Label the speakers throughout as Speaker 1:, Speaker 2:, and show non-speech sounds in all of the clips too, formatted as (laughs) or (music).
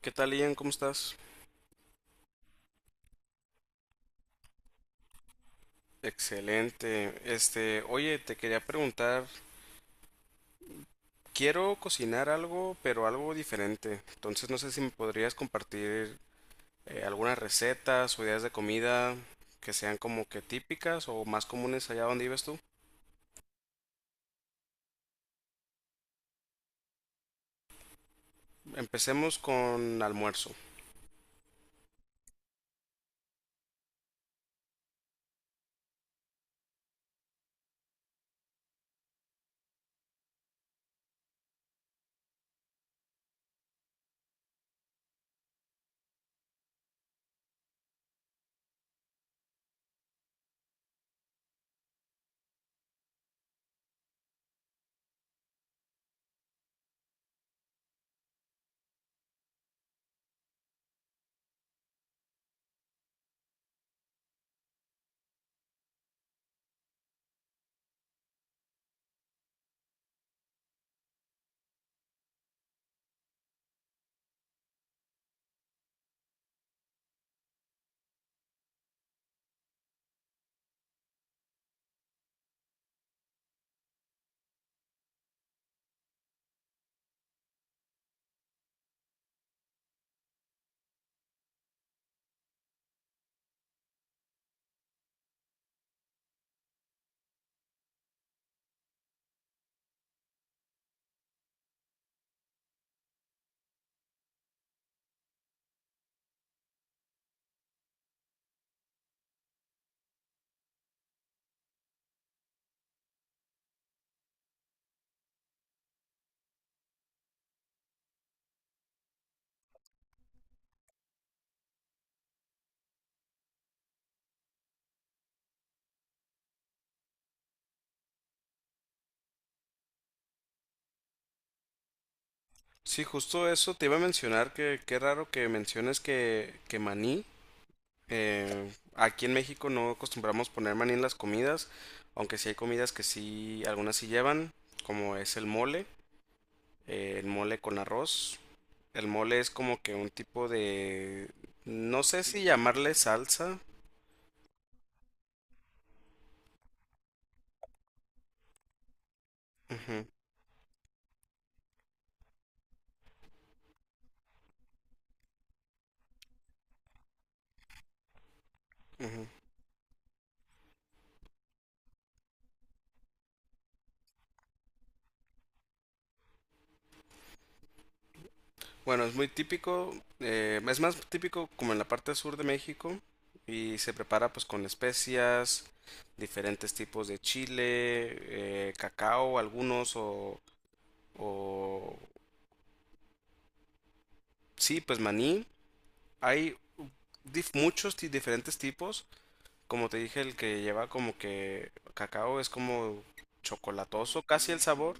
Speaker 1: ¿Qué tal, Ian? ¿Cómo estás? Excelente. Oye, te quería preguntar, quiero cocinar algo, pero algo diferente. Entonces, no sé si me podrías compartir algunas recetas o ideas de comida que sean como que típicas o más comunes allá donde vives tú. Empecemos con almuerzo. Sí, justo eso te iba a mencionar, que qué raro que menciones que maní. Aquí en México no acostumbramos poner maní en las comidas, aunque sí hay comidas que sí, algunas sí llevan, como es el mole con arroz. El mole es como que un tipo de, no sé si llamarle salsa. Ujú, ujú. Bueno, es muy típico, es más típico como en la parte sur de México, y se prepara pues con especias, diferentes tipos de chile, cacao, algunos o sí, pues maní, hay diferentes tipos. Como te dije, el que lleva como que cacao es como chocolatoso casi el sabor.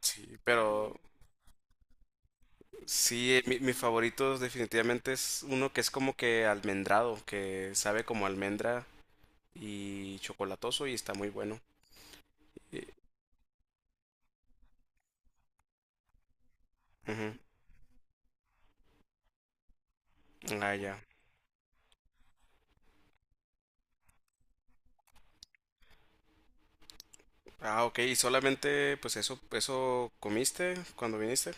Speaker 1: Sí, pero sí, mi favorito definitivamente es uno que es como que almendrado, que sabe como almendra y chocolatoso y está muy bueno. Y... ujú. Ah, ya. Ah, ok. ¿Y solamente pues eso comiste cuando viniste?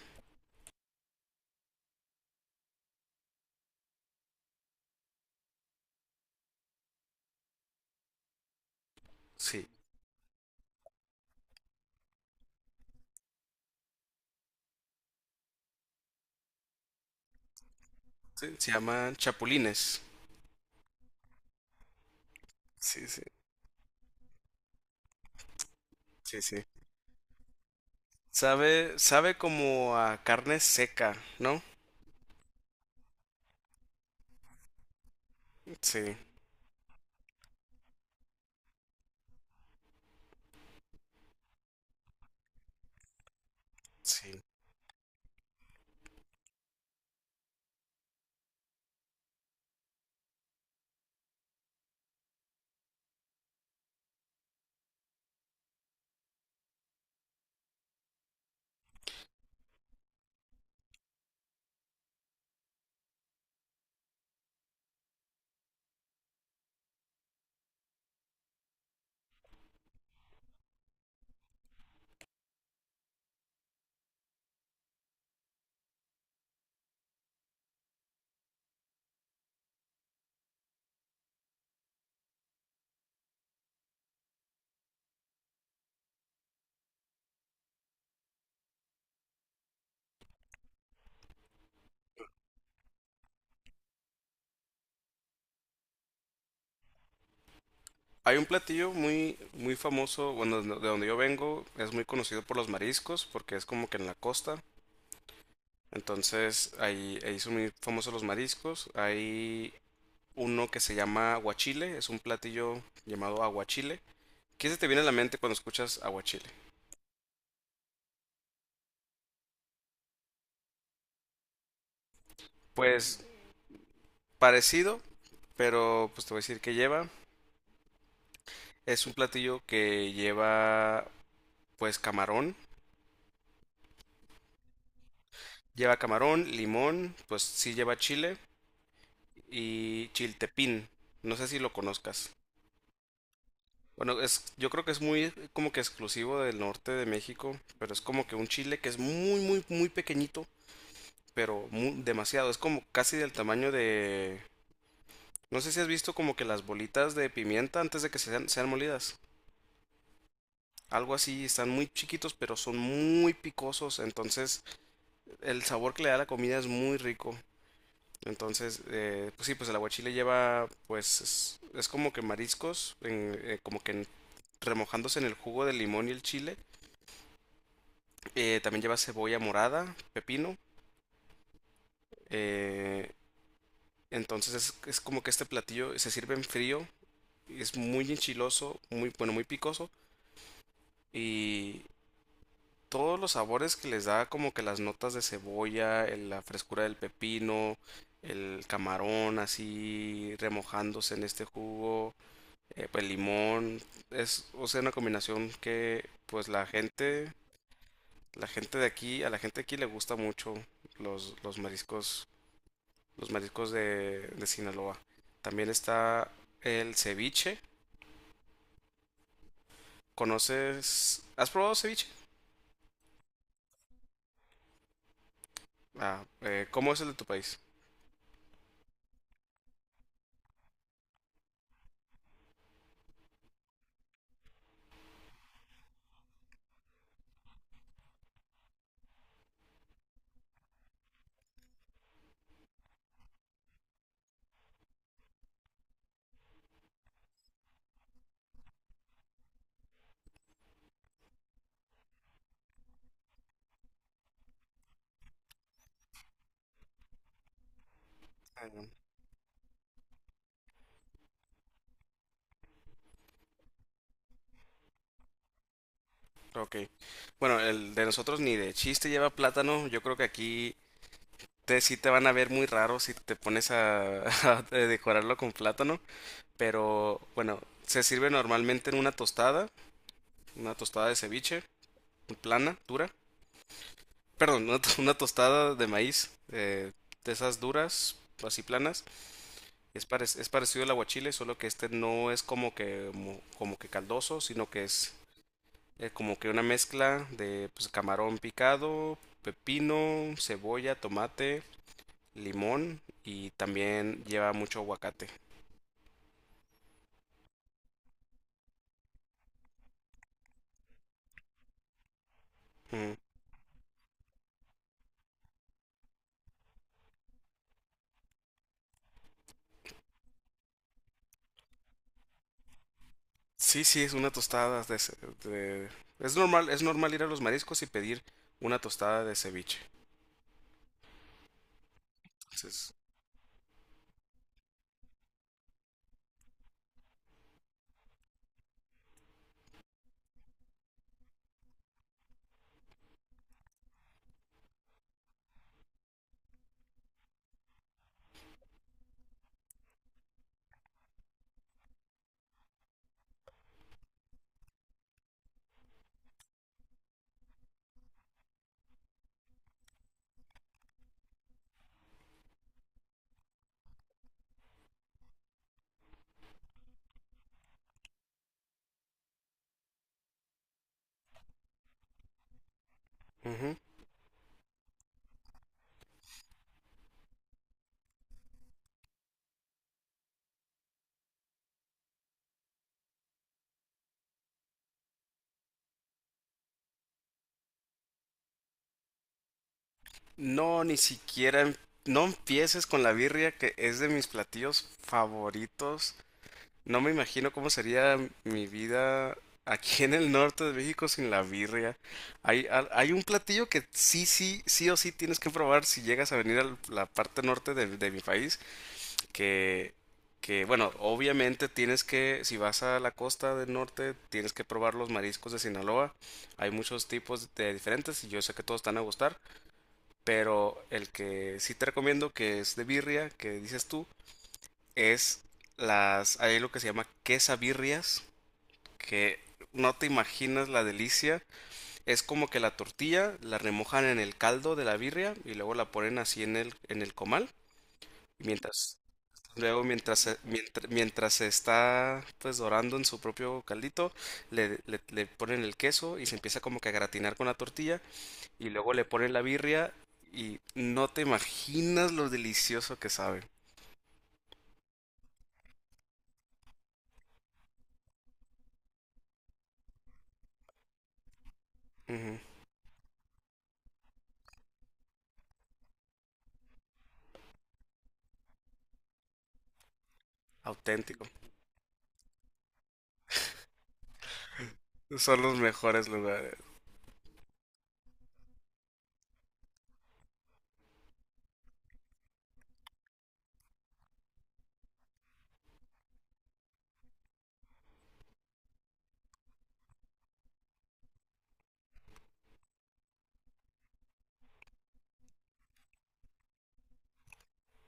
Speaker 1: Sí. Sí, se llaman chapulines. Sí, sí. Sí, sí. Sabe, sabe como a carne seca, ¿no? Sí, sí. Hay un platillo muy, muy famoso, bueno, de donde yo vengo, es muy conocido por los mariscos, porque es como que en la costa. Entonces, ahí, ahí son muy famosos los mariscos. Hay uno que se llama aguachile, es un platillo llamado aguachile. ¿Qué se te viene a la mente cuando escuchas aguachile? Pues parecido, pero pues te voy a decir que lleva. Es un platillo que lleva pues camarón. Lleva camarón, limón, pues sí lleva chile y chiltepín. No sé si lo conozcas. Bueno, es, yo creo que es muy como que exclusivo del norte de México, pero es como que un chile que es muy, muy, muy pequeñito, pero mu- demasiado. Es como casi del tamaño de... No sé si has visto como que las bolitas de pimienta antes de que sean, sean molidas. Algo así, están muy chiquitos, pero son muy picosos. Entonces, el sabor que le da la comida es muy rico. Entonces, pues sí, pues el aguachile lleva, pues es como que mariscos, como que remojándose en el jugo del limón y el chile. También lleva cebolla morada, pepino. eh, entonces es como que este platillo se sirve en frío, y es muy enchiloso, muy bueno, muy picoso, y todos los sabores que les da, como que las notas de cebolla, la frescura del pepino, el camarón así remojándose en este jugo. Pues limón, es, o sea, una combinación que pues la gente de aquí, a la gente de aquí le gusta mucho los, los mariscos, los mariscos de Sinaloa. También está el ceviche. ¿Conoces? ¿Has probado ceviche? Ah, ¿cómo es el de tu país? Ah, ok. Bueno, el de nosotros ni de chiste lleva plátano. Yo creo que aquí te, sí te van a ver muy raro si te pones a, (laughs) a decorarlo con plátano. Pero bueno, se sirve normalmente en una tostada de ceviche, plana, dura. Perdón, una, to- (laughs) una tostada de maíz, de esas duras, así planas. Es, parec- es parecido al aguachile, solo que este no es como que, mo- como que caldoso, sino que es como que una mezcla de pues, camarón picado, pepino, cebolla, tomate, limón y también lleva mucho aguacate. Ujú. Sí, sí, es una tostada de, de- es normal, es normal ir a los mariscos y pedir una tostada de ceviche. Entonces, ujú. No, ni siquiera, no empieces con la birria, que es de mis platillos favoritos. No me imagino cómo sería mi vida aquí en el norte de México sin la birria. Hay, hay un platillo que sí, sí, sí o sí tienes que probar si llegas a venir a la parte norte de mi país. que, que, bueno, obviamente tienes que, si vas a la costa del norte, tienes que probar los mariscos de Sinaloa. Hay muchos tipos de diferentes y yo sé que todos te van a gustar, pero el que sí te recomiendo, que es de birria, que dices tú, es las, hay lo que se llama quesabirrias, que no te imaginas la delicia. Es como que la tortilla la remojan en el caldo de la birria y luego la ponen así en el comal. Mientras luego, mientras se, mientras, mientras se está pues dorando en su propio caldito, le ponen el queso y se empieza como que a gratinar con la tortilla y luego le ponen la birria y no te imaginas lo delicioso que sabe. Ujú, auténtico. Son los mejores lugares.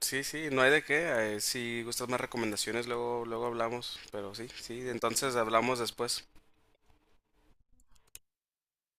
Speaker 1: Sí, sí, no hay de qué. Si gustas más recomendaciones, luego, luego hablamos. Pero sí, sí, entonces hablamos después.